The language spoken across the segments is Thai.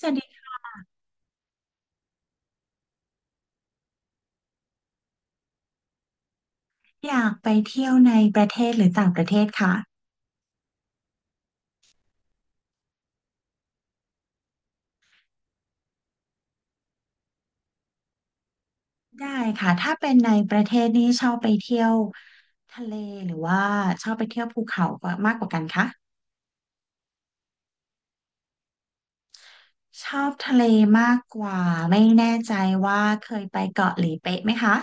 สวัสดีอยากไปเที่ยวในประเทศหรือต่างประเทศค่ะได้ค่ะถ้าเป็นในประเทศนี่ชอบไปเที่ยวทะเลหรือว่าชอบไปเที่ยวภูเขากว่ามากกว่ากันคะชอบทะเลมากกว่าไม่แน่ใจว่าเคยไปเกาะหลีเป๊ะไหมคะ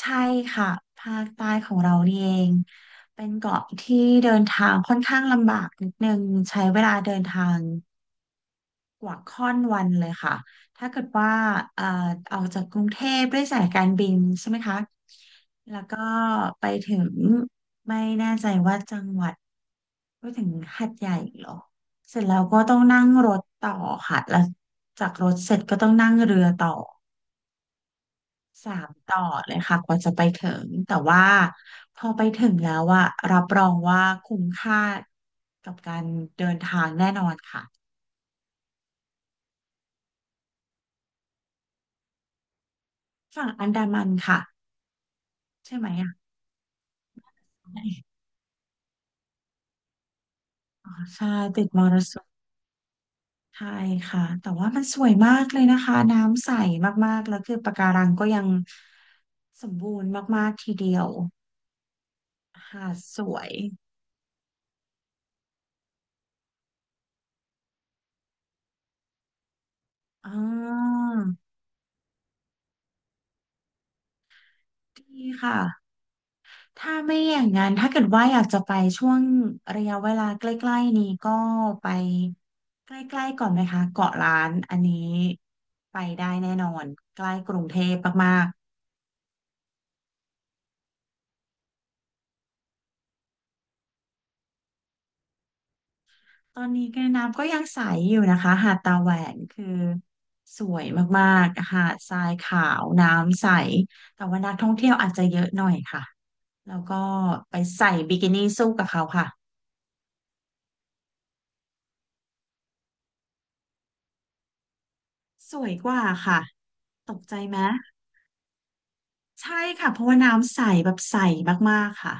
ใช่ค่ะภาคใต้ของเรานี่เองเป็นเกาะที่เดินทางค่อนข้างลำบากนิดนึงใช้เวลาเดินทาง กว่าค่อนวันเลยค่ะ ถ้าเกิดว่าเอ่อออกจากกรุงเทพด้วยสายการบินใช่ไหมคะ แล้วก็ไปถึงไม่แน่ใจว่าจังหวัดไปถึงหาดใหญ่เหรอเสร็จแล้วก็ต้องนั่งรถต่อค่ะแล้วจากรถเสร็จก็ต้องนั่งเรือต่อสามต่อเลยค่ะกว่าจะไปถึงแต่ว่าพอไปถึงแล้วอะรับรองว่าคุ้มค่ากับการเดินทางแน่นอนค่ะฝั่งอันดามันค่ะใช่ไหมอะ อ๋อใช่ติดมรสุมใช่ค่ะแต่ว่ามันสวยมากเลยนะคะน้ำใสมากๆแล้วคือปะการังก็ยังสมบูรณ์มากๆทีเดียวหาดสวยอ๋อดีค่ะถ้าไม่อย่างนั้นถ้าเกิดว่าอยากจะไปช่วงระยะเวลาใกล้ๆนี้ก็ไปใกล้ๆก่อนไหมคะเกาะล้านอันนี้ไปได้แน่นอนใกล้กรุงเทพมาก ตอนนี้แกน้ำก็ยังใสอยู่นะคะหาดตาแหวนคือสวยมากๆหาดทรายขาวน้ำใสแต่ว่านักท่องเที่ยวอาจจะเยอะหน่อยค่ะแล้วก็ไปใส่บิกินี่สู้กับเขาค่ะสวยกว่าค่ะตกใจไหมใช่ค่ะเพราะว่าน้ำใสแบบใสมากๆค่ะ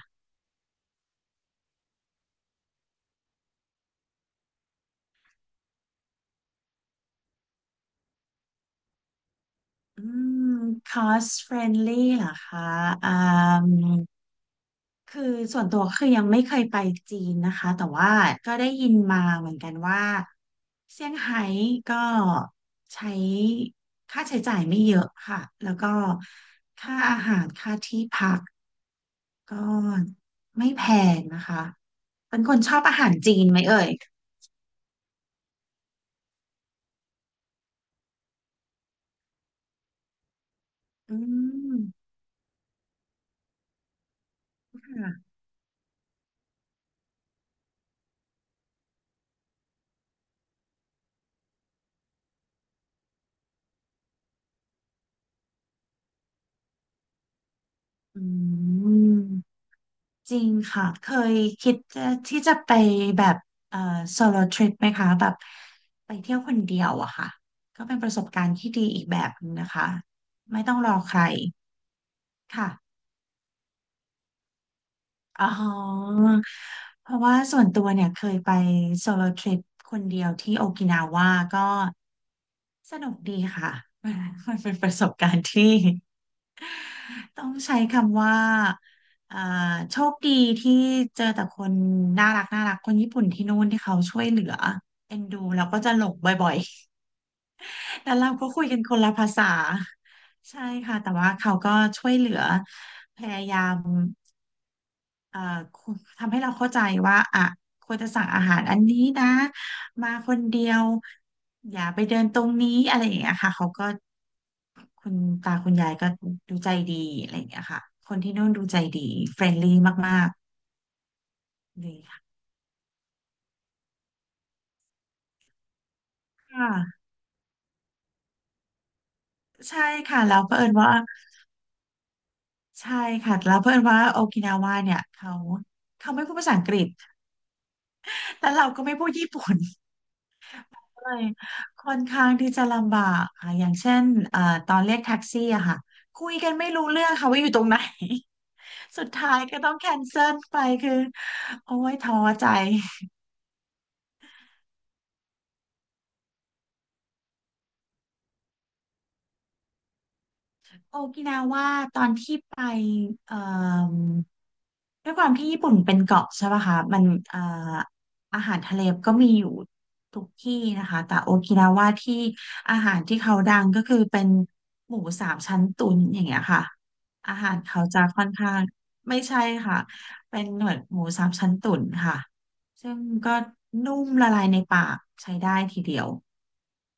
อืม cost friendly เหรอคะอืม คือส่วนตัวคือยังไม่เคยไปจีนนะคะแต่ว่าก็ได้ยินมาเหมือนกันว่าเซี่ยงไฮ้ก็ใช้ค่าใช้จ่ายไม่เยอะค่ะแล้วก็ค่าอาหารค่าที่พักก็ไม่แพงนะคะเป็นคนชอบอาหารจีนไหมเอ่ยอืมค่ะอืม จริงค่ะเคยคิดจะที่จะไปแบบเอ่อโซโลทริปไหมคะแบบไปเที่ยวคนเดียวอะค่ะก็เป็นประสบการณ์ที่ดีอีกแบบนึงนะคะไม่ต้องรอใครค่ะอ๋อเพราะว่าส่วนตัวเนี่ยเคยไปโซโลทริปคนเดียวที่โอกินาว่าก็สนุกดีค่ะ มันเป็นประสบการณ์ที่ ต้องใช้คำว่าอ่า โชคดีที่เจอแต่คนน่ารักน่ารักคนญี่ปุ่นที่นู่นที่เขาช่วยเหลือเอ็นดูแล้วก็จะหลงบ่อยๆ แต่เราก็คุยกันคนละภาษาใช่ค่ะแต่ว่าเขาก็ช่วยเหลือพยายาม เอ่อคุทำให้เราเข้าใจว่าอ่ะควรจะสั่งอาหารอันนี้นะมาคนเดียวอย่าไปเดินตรงนี้อะไรอย่างเงี้ยค่ะเขาก็คุณตาคุณยายก็ดูใจดีอะไรอย่างเงี้ยค่ะคนที่นู่นดูใจดีเฟรนลี่มากๆเลยค่ะค่ะใช่ค่ะแล้วเผอิญว่าใช่ค่ะแล้วเผอิญว่าโอกินาวาเนี่ยเขาเขาไม่พูดภาษาอังกฤษ แล้วเราก็ไม่พูดญี่ปุ่น ยค่อนข้างที่จะลำบากค่ะอย่างเช่นเอ่อตอนเรียกแท็กซี่อะค่ะ คุยกันไม่รู้เรื่องค่ะว่าอยู่ตรงไหน สุดท้ายก็ต้องแคนเซิลไปคือ โอ้ยท้อใจ โอกินาว่าตอนที่ไปเอ่อ ด้วยความที่ญี่ปุ่นเป็นเกาะใช่ปะคะมันเอ่ออาหารทะเลก็มีอยู่ทุกที่นะคะแต่โอกินาว่าที่อาหารที่เขาดังก็คือเป็นหมูสามชั้นตุ๋นอย่างเงี้ยค่ะอาหารเขาจะค่อนข้างไม่ใช่ค่ะเป็นเหมือนหมูสามชั้นตุ๋นค่ะซึ่งก็นุ่มละลายในปากใช้ได้ทีเดียว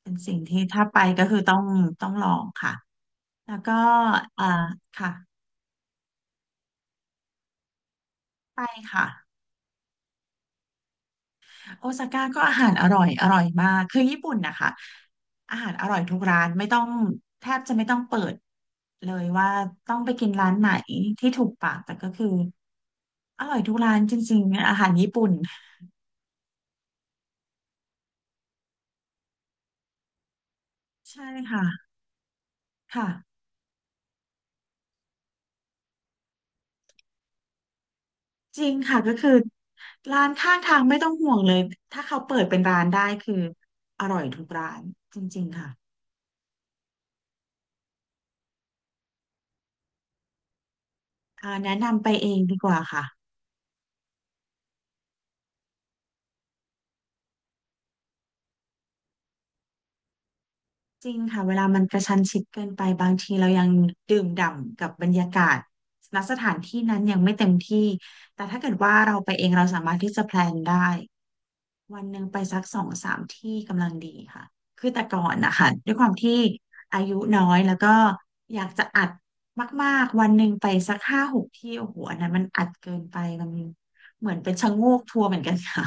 เป็นสิ่งที่ถ้าไปก็คือต้องต้องลองค่ะแล้วก็อ่าค่ะไปค่ะ โอซาก้าก็อาหารอร่อยอร่อยมากคือญี่ปุ่นนะคะอาหารอร่อยทุกร้านไม่ต้องแทบจะไม่ต้องเปิดเลยว่าต้องไปกินร้านไหนที่ถูกปากแต่ก็คืออร่อยทุกร้านจริงๆอาหารญี่ปุ่นใช่ค่ะค่ะจริงค่ะก็คือร้านข้างทางไม่ต้องห่วงเลยถ้าเขาเปิดเป็นร้านได้คืออร่อยทุกร้านจริงๆค่ะแนะนำไปเองดีกว่าค่ะ จริงค่ะเวลามันกระชั้นชิดเกินไปบางทีเรายังดื่มด่ำกับบรรยากาศณสถานที่นั้นยังไม่เต็มที่แต่ถ้าเกิดว่าเราไปเองเราสามารถที่จะแพลนได้วันหนึ่งไปสักสองสามที่กำลังดีค่ะคือแต่ก่อนนะคะด้วยความที่อายุน้อยแล้วก็อยากจะอัดมากๆวันหนึ่งไปสักห้าหกที่โอ้โหอันนั้นมันอัดเกินไปมันเหมือนเป็นชะโงกทัวร์เหมือนกันค่ะ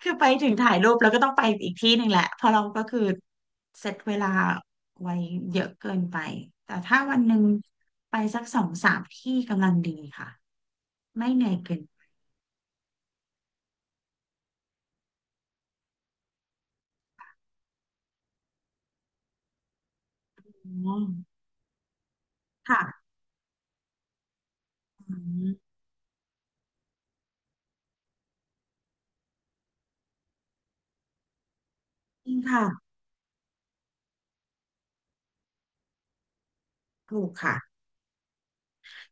คือไปถึงถ่ายรูปแล้วก็ต้องไปอีกที่หนึ่งแหละเพราะเราก็คือเซตเวลาไว้เยอะเกินไปแต่ถ้าวันหนึ่งไปสักสองสามที่กำลังดีค่ะไม่เหนื่อยเกินไปอ๋อค่ะอืมจริงค่ะถูกค่ะ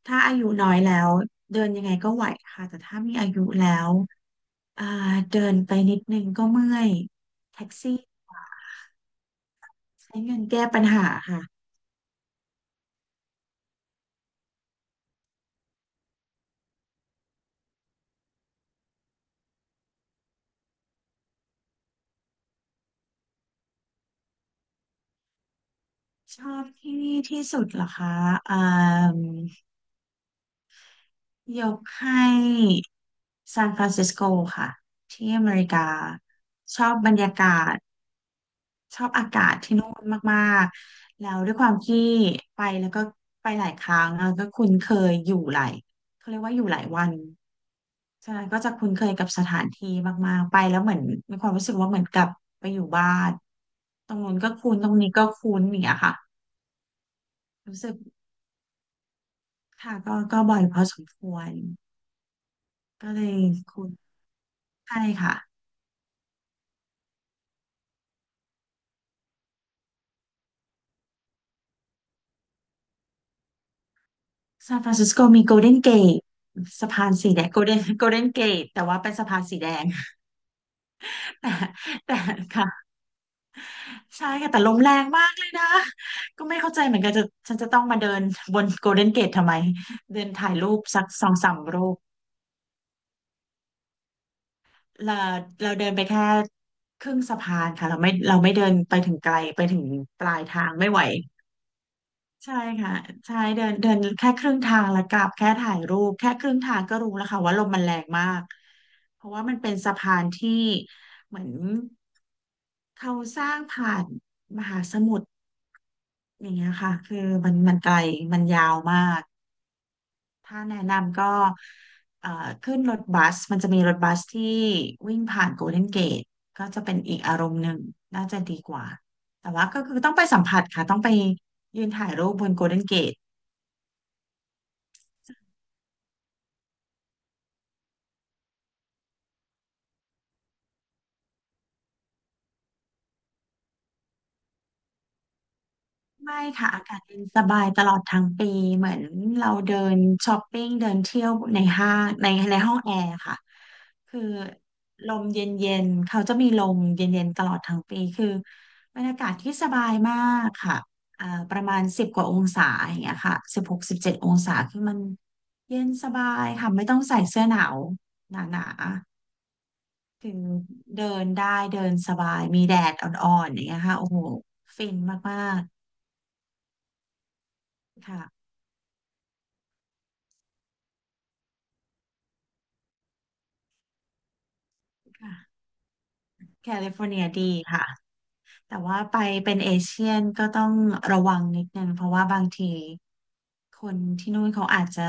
ถ้าอายุน้อยแล้วเดินยังไงก็ไหวค่ะแต่ถ้ามีอายุแล้วอ่าเดินไปนิดนึงก็เมื่อยแท็กซี่ใช้เงินแก้ปัญหาค่ะชอบที่นี่ที่สุดเหรอคะอ่า ยกให้ซานฟรานซิสโกค่ะที่อเมริกาชอบบรรยากาศชอบอากาศที่นู่นมากๆแล้วด้วยความที่ไปแล้วก็ไปหลายครั้งแล้วก็คุ้นเคยอยู่หลายเขาเรียกว่าอยู่หลายวันฉะนั้นก็จะคุ้นเคยกับสถานที่มากๆไปแล้วเหมือนมีความรู้สึกว่าเหมือนกลับไปอยู่บ้านตรงนู้นก็คุ้นตรงนี้ก็คุ้นอย่างเงี้ยค่ะรู้สึกค่ะก็บ่อยพอสมควรก็เลยคุ้นใช่ค่ะ ซานฟรานซิสโกมีโกลเด้นเกตสะพานสีแดงโกลเด้นเกตแต่ว่าเป็นสะพานสีแดง แต่ค่ะใช่ค่ะแต่ลมแรงมากเลยนะก็ไม่เข้าใจเหมือนกันฉันจะต้องมาเดินบนโกลเด้นเกตทำไมเดินถ่ายรูปสักสองสามรูปเราเราเดินไปแค่ครึ่งสะพานค่ะเราไม่เดินไปถึงไกลไปถึงปลายทางไม่ไหว ใช่ค่ะใช่เดินเดินแค่ครึ่งทางแล้วกลับแค่ถ่ายรูปแค่ครึ่งทางก็รู้แล้วค่ะว่าลมมันแรงมากเพราะว่ามันเป็นสะพานที่เหมือนเขาสร้างผ่านมหาสมุทรอย่างเงี้ยค่ะคือมันไกลมันยาวมากถ้าแนะนำก็เอ่อขึ้นรถบัสมันจะมีรถบัสที่วิ่งผ่านโกลเด้นเกตก็จะเป็นอีกอารมณ์หนึ่งน่าจะดีกว่าแต่ว่าก็คือต้องไปสัมผัสค่ะต้องไปยืนถ่ายรูปบนโกลเด้นเกต ไม่ค่ะอากาศเย็นสบายตลอดทั้งปีเหมือนเราเดินช้อปปิ้งเดินเที่ยวในห้างในห้องแอร์ค่ะคือลมเย็นๆเขาจะมีลมเย็นๆตลอดทั้งปีคือบรรยากาศที่สบายมากค่ะประมาณ10 กว่าองศาอย่างเงี้ยค่ะ16 17 องศาคือมันเย็นสบายค่ะไม่ต้องใส่เสื้อหนาวหนาๆคือเดินได้เดินสบายมีแดดอ่อนๆอย่างเงี้ยค่ะโอ้โหฟินมากๆค่ะ แคลิฟอร์เนียดีค่ะแต่ว่าไปเป็นเอเชียนก็ต้องระวังนิดนึงเพราะว่าบางทีคนที่นู่นเขาอาจจะ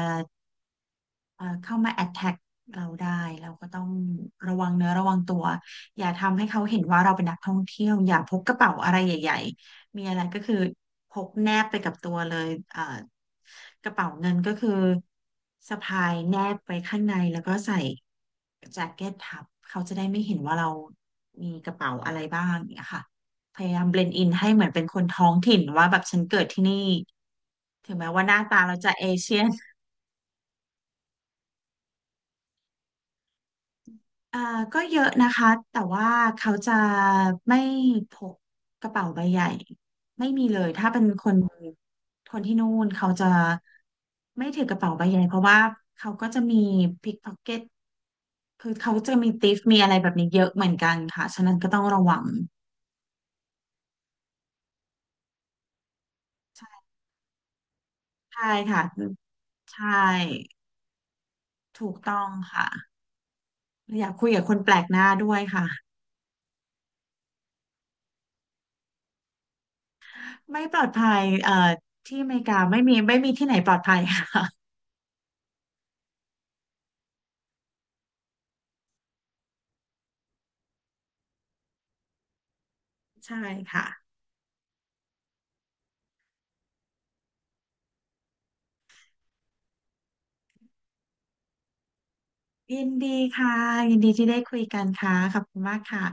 เข้ามา attack เราได้เราก็ต้องระวังเนื้อระวังตัวอย่าทำให้เขาเห็นว่าเราเป็นนักท่องเที่ยวอย่าพกกระเป๋าอะไรใหญ่ๆมีอะไรก็คือพกแนบไปกับตัวเลยกระเป๋าเงินก็คือสะพายแนบไปข้างในแล้วก็ใส่แจ็คเก็ตทับเขาจะได้ไม่เห็นว่าเรามีกระเป๋าอะไรบ้างเนี่ยค่ะพยายามเบลนด์อินให้เหมือนเป็นคนท้องถิ่นว่าแบบฉันเกิดที่นี่ถึงแม้ว่าหน้าตาเราจะเอเชียน อ่าก็เยอะนะคะแต่ว่าเขาจะไม่พกกระเป๋าใบใหญ่ไม่มีเลยถ้าเป็นคนคนที่นู่นเขาจะไม่ถือกระเป๋าใบใหญ่เพราะว่าเขาก็จะมีพิกพ็อกเก็ตคือเขาจะมีติฟมีอะไรแบบนี้เยอะเหมือนกันค่ะฉะนั้นก็ต้องระวังใช่ค่ะใช่ถูกต้องค่ะอยากคุยกับคนแปลกหน้าด้วยค่ะไม่ปลอดภัยที่อเมริกาไม่มีไม่มีที่ไหนปลอดภัยค่ะ ใช่ค่ะ ยินดีค่ะ ยินดีที่ได้คุยกันค่ะ ขอบคุณมากค่ะ